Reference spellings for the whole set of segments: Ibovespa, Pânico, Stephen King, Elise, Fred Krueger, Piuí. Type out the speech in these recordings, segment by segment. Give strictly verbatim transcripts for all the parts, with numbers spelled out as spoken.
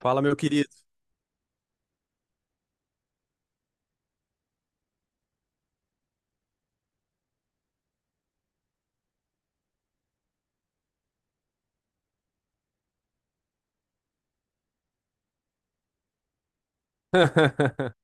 Fala, meu querido.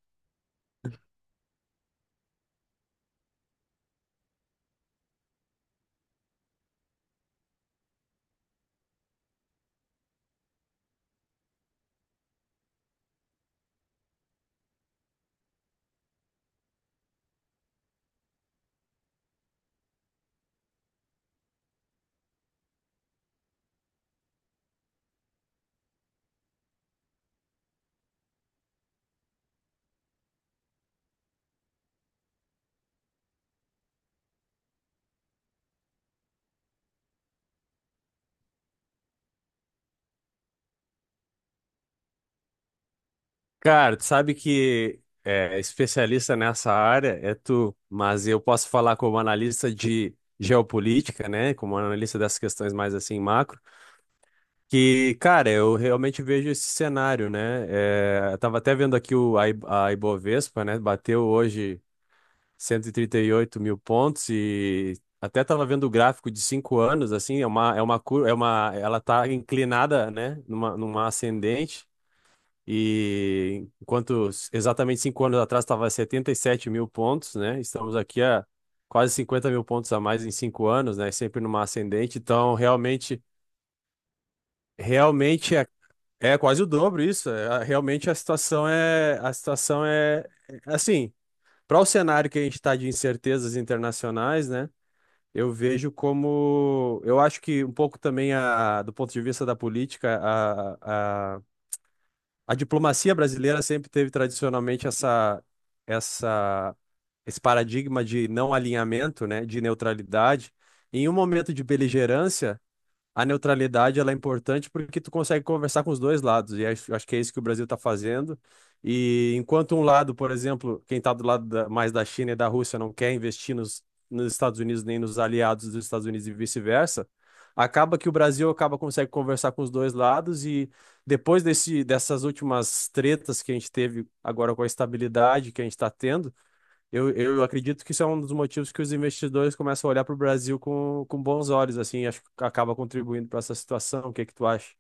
Cara, tu sabe que é, especialista nessa área é tu, mas eu posso falar como analista de geopolítica, né? Como analista dessas questões mais assim macro, que, cara, eu realmente vejo esse cenário, né? É, eu tava até vendo aqui o, a, I- a Ibovespa, né? Bateu hoje cento e e trinta e oito mil pontos e até tava vendo o gráfico de cinco anos, assim, é uma, é uma curva, é uma, ela tá inclinada, né? Numa, numa ascendente. E enquanto s- exatamente cinco anos atrás estava setenta e sete mil pontos, né? Estamos aqui a quase cinquenta mil pontos a mais em cinco anos, né? Sempre numa ascendente. Então, realmente, realmente é, é quase o dobro isso. É, a- realmente a situação é, a situação é é assim, para o cenário que a gente está de incertezas internacionais, né? Eu vejo como, eu acho que um pouco também a, do ponto de vista da política, a A diplomacia brasileira sempre teve tradicionalmente essa, essa, esse paradigma de não alinhamento, né, de neutralidade. Em um momento de beligerância, a neutralidade ela é importante porque tu consegue conversar com os dois lados, e acho, acho que é isso que o Brasil está fazendo. E enquanto um lado, por exemplo, quem está do lado da- mais da China e da Rússia não quer investir nos, nos Estados Unidos nem nos aliados dos Estados Unidos e vice-versa, acaba que o Brasil acaba consegue conversar com os dois lados e depois desse, dessas últimas tretas que a gente teve agora com a estabilidade que a gente está tendo eu, eu acredito que isso é um dos motivos que os investidores começam a olhar para o Brasil com, com bons olhos, assim, acho que acaba contribuindo para essa situação. O que que tu acha?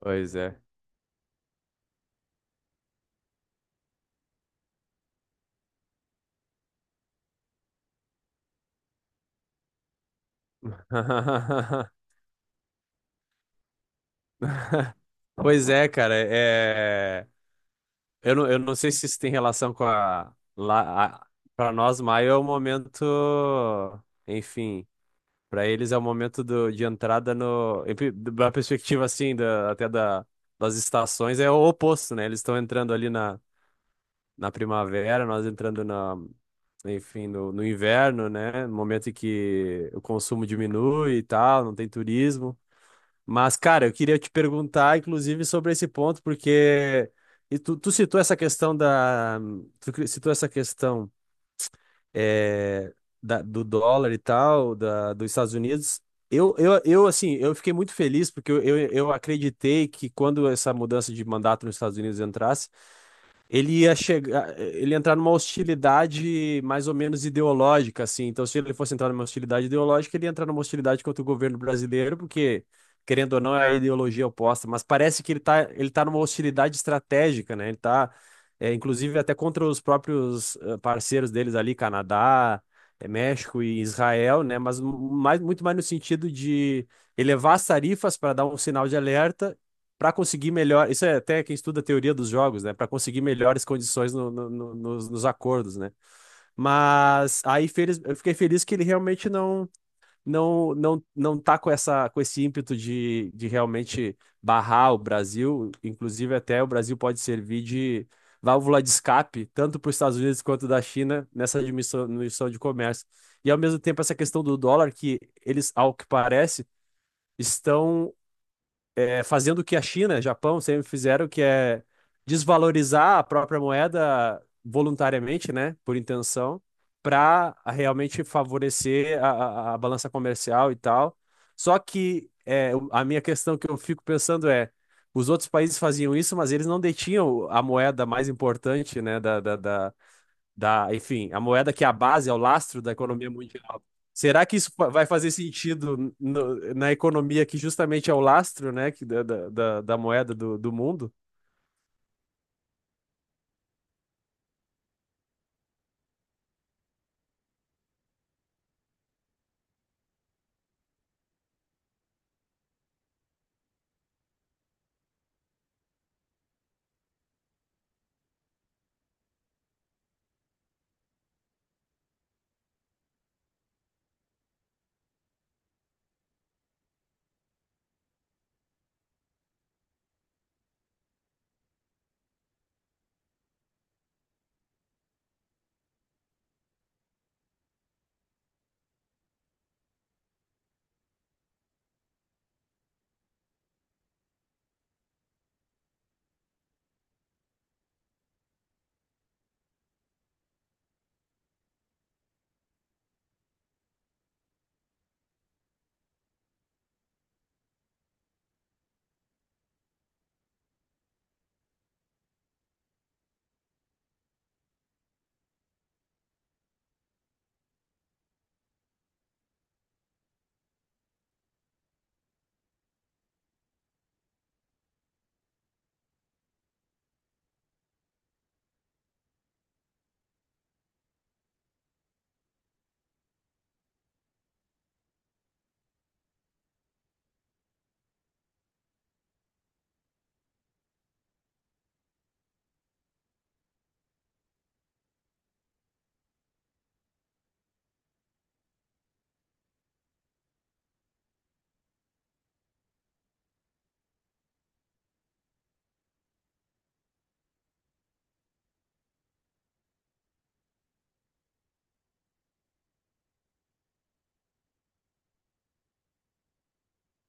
Pois é. Pois é, cara, é... Eu não, eu não sei se isso tem relação com a... Lá, a... Para nós, maio é o momento... Enfim, para eles é o momento do, de entrada no... em pe- da perspectiva, assim, da, até da, das estações, é o oposto, né? Eles estão entrando ali na, na primavera, nós entrando na... enfim, no, no inverno, né? No momento em que o consumo diminui e tal, não tem turismo. Mas, cara, eu queria te perguntar, inclusive, sobre esse ponto, porque e tu, tu citou essa questão da. Tu cri- citou essa questão é, da- do dólar e tal, da, dos Estados Unidos. Eu, eu, eu, assim, eu fiquei muito feliz porque eu, eu, eu acreditei que quando essa mudança de mandato nos Estados Unidos entrasse, ele ia chegar, ele ia entrar numa hostilidade mais ou menos ideológica, assim. Então, se ele fosse entrar numa hostilidade ideológica, ele ia entrar numa hostilidade contra o governo brasileiro, porque, querendo ou não, é a ideologia oposta. Mas parece que ele tá, ele tá numa hostilidade estratégica, né? Ele tá, é, inclusive, até contra os próprios eh, parceiros deles ali, Canadá, eh, México e Israel, né? Mas mais, muito mais no sentido de elevar as tarifas para dar um sinal de alerta para conseguir melhor. Isso é até quem estuda a teoria dos jogos, né? Para conseguir melhores condições no- no- no- nos, nos acordos, né? Mas aí feliz, eu fiquei feliz que ele realmente não não não não tá com essa com esse ímpeto de, de realmente barrar o Brasil. Inclusive até o Brasil pode servir de válvula de escape tanto para os Estados Unidos quanto da China nessa admissão- diminuição de comércio. E ao mesmo tempo essa questão do dólar que eles, ao que parece, estão é, fazendo o que a China, Japão sempre fizeram, que é desvalorizar a própria moeda voluntariamente, né, por intenção, para realmente favorecer a, a, a balança comercial e tal. Só que é, a minha questão que eu fico pensando é, os outros países faziam isso, mas eles não detinham a moeda mais importante, né, da, da, da- da, enfim, a moeda que é a base, é o lastro da economia mundial. Será que isso fa- vai fazer sentido no- na economia que justamente é o lastro, né, que da, da, da da moeda do, do mundo?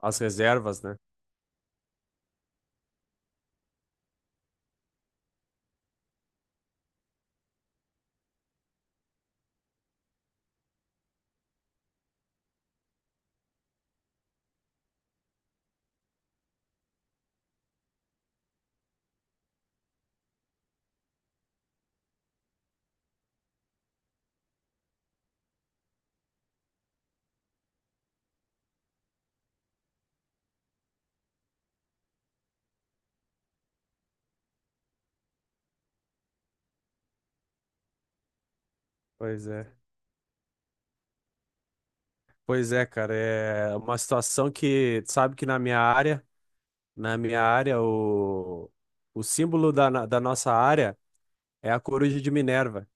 As reservas, né? Pois é. Pois é, cara, é uma situação que, sabe que na minha área, na minha área, o, o símbolo da, na- da nossa área é a coruja de Minerva.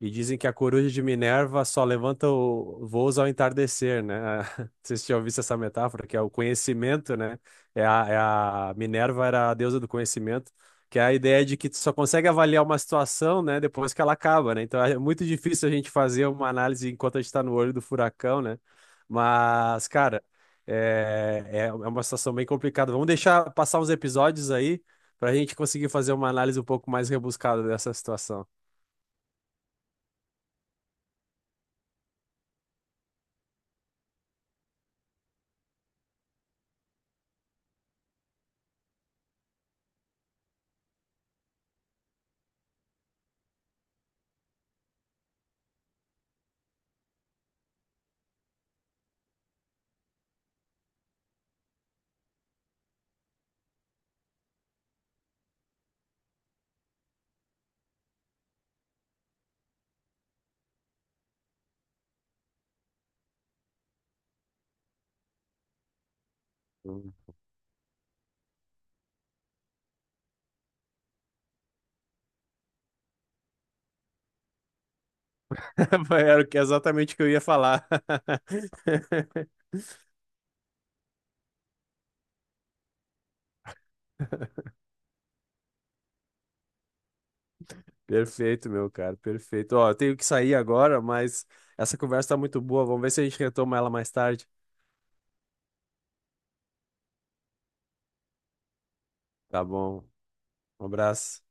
E dizem que a coruja de Minerva só levanta o voos ao entardecer, né? Vocês já ouviram essa metáfora, que é o conhecimento, né? É a, é a- Minerva era a deusa do conhecimento, que é a ideia de que tu só consegue avaliar uma situação, né, depois que ela acaba, né? Então é muito difícil a gente fazer uma análise enquanto a gente está no olho do furacão, né? Mas, cara, é, é é uma situação bem complicada. Vamos deixar passar uns episódios aí para a gente conseguir fazer uma análise um pouco mais rebuscada dessa situação. Era o que- exatamente o que eu ia falar. Perfeito, meu cara, perfeito. Ó, eu tenho que sair agora, mas essa conversa tá muito boa. Vamos ver se a gente retoma ela mais tarde. Tá bom. Um abraço.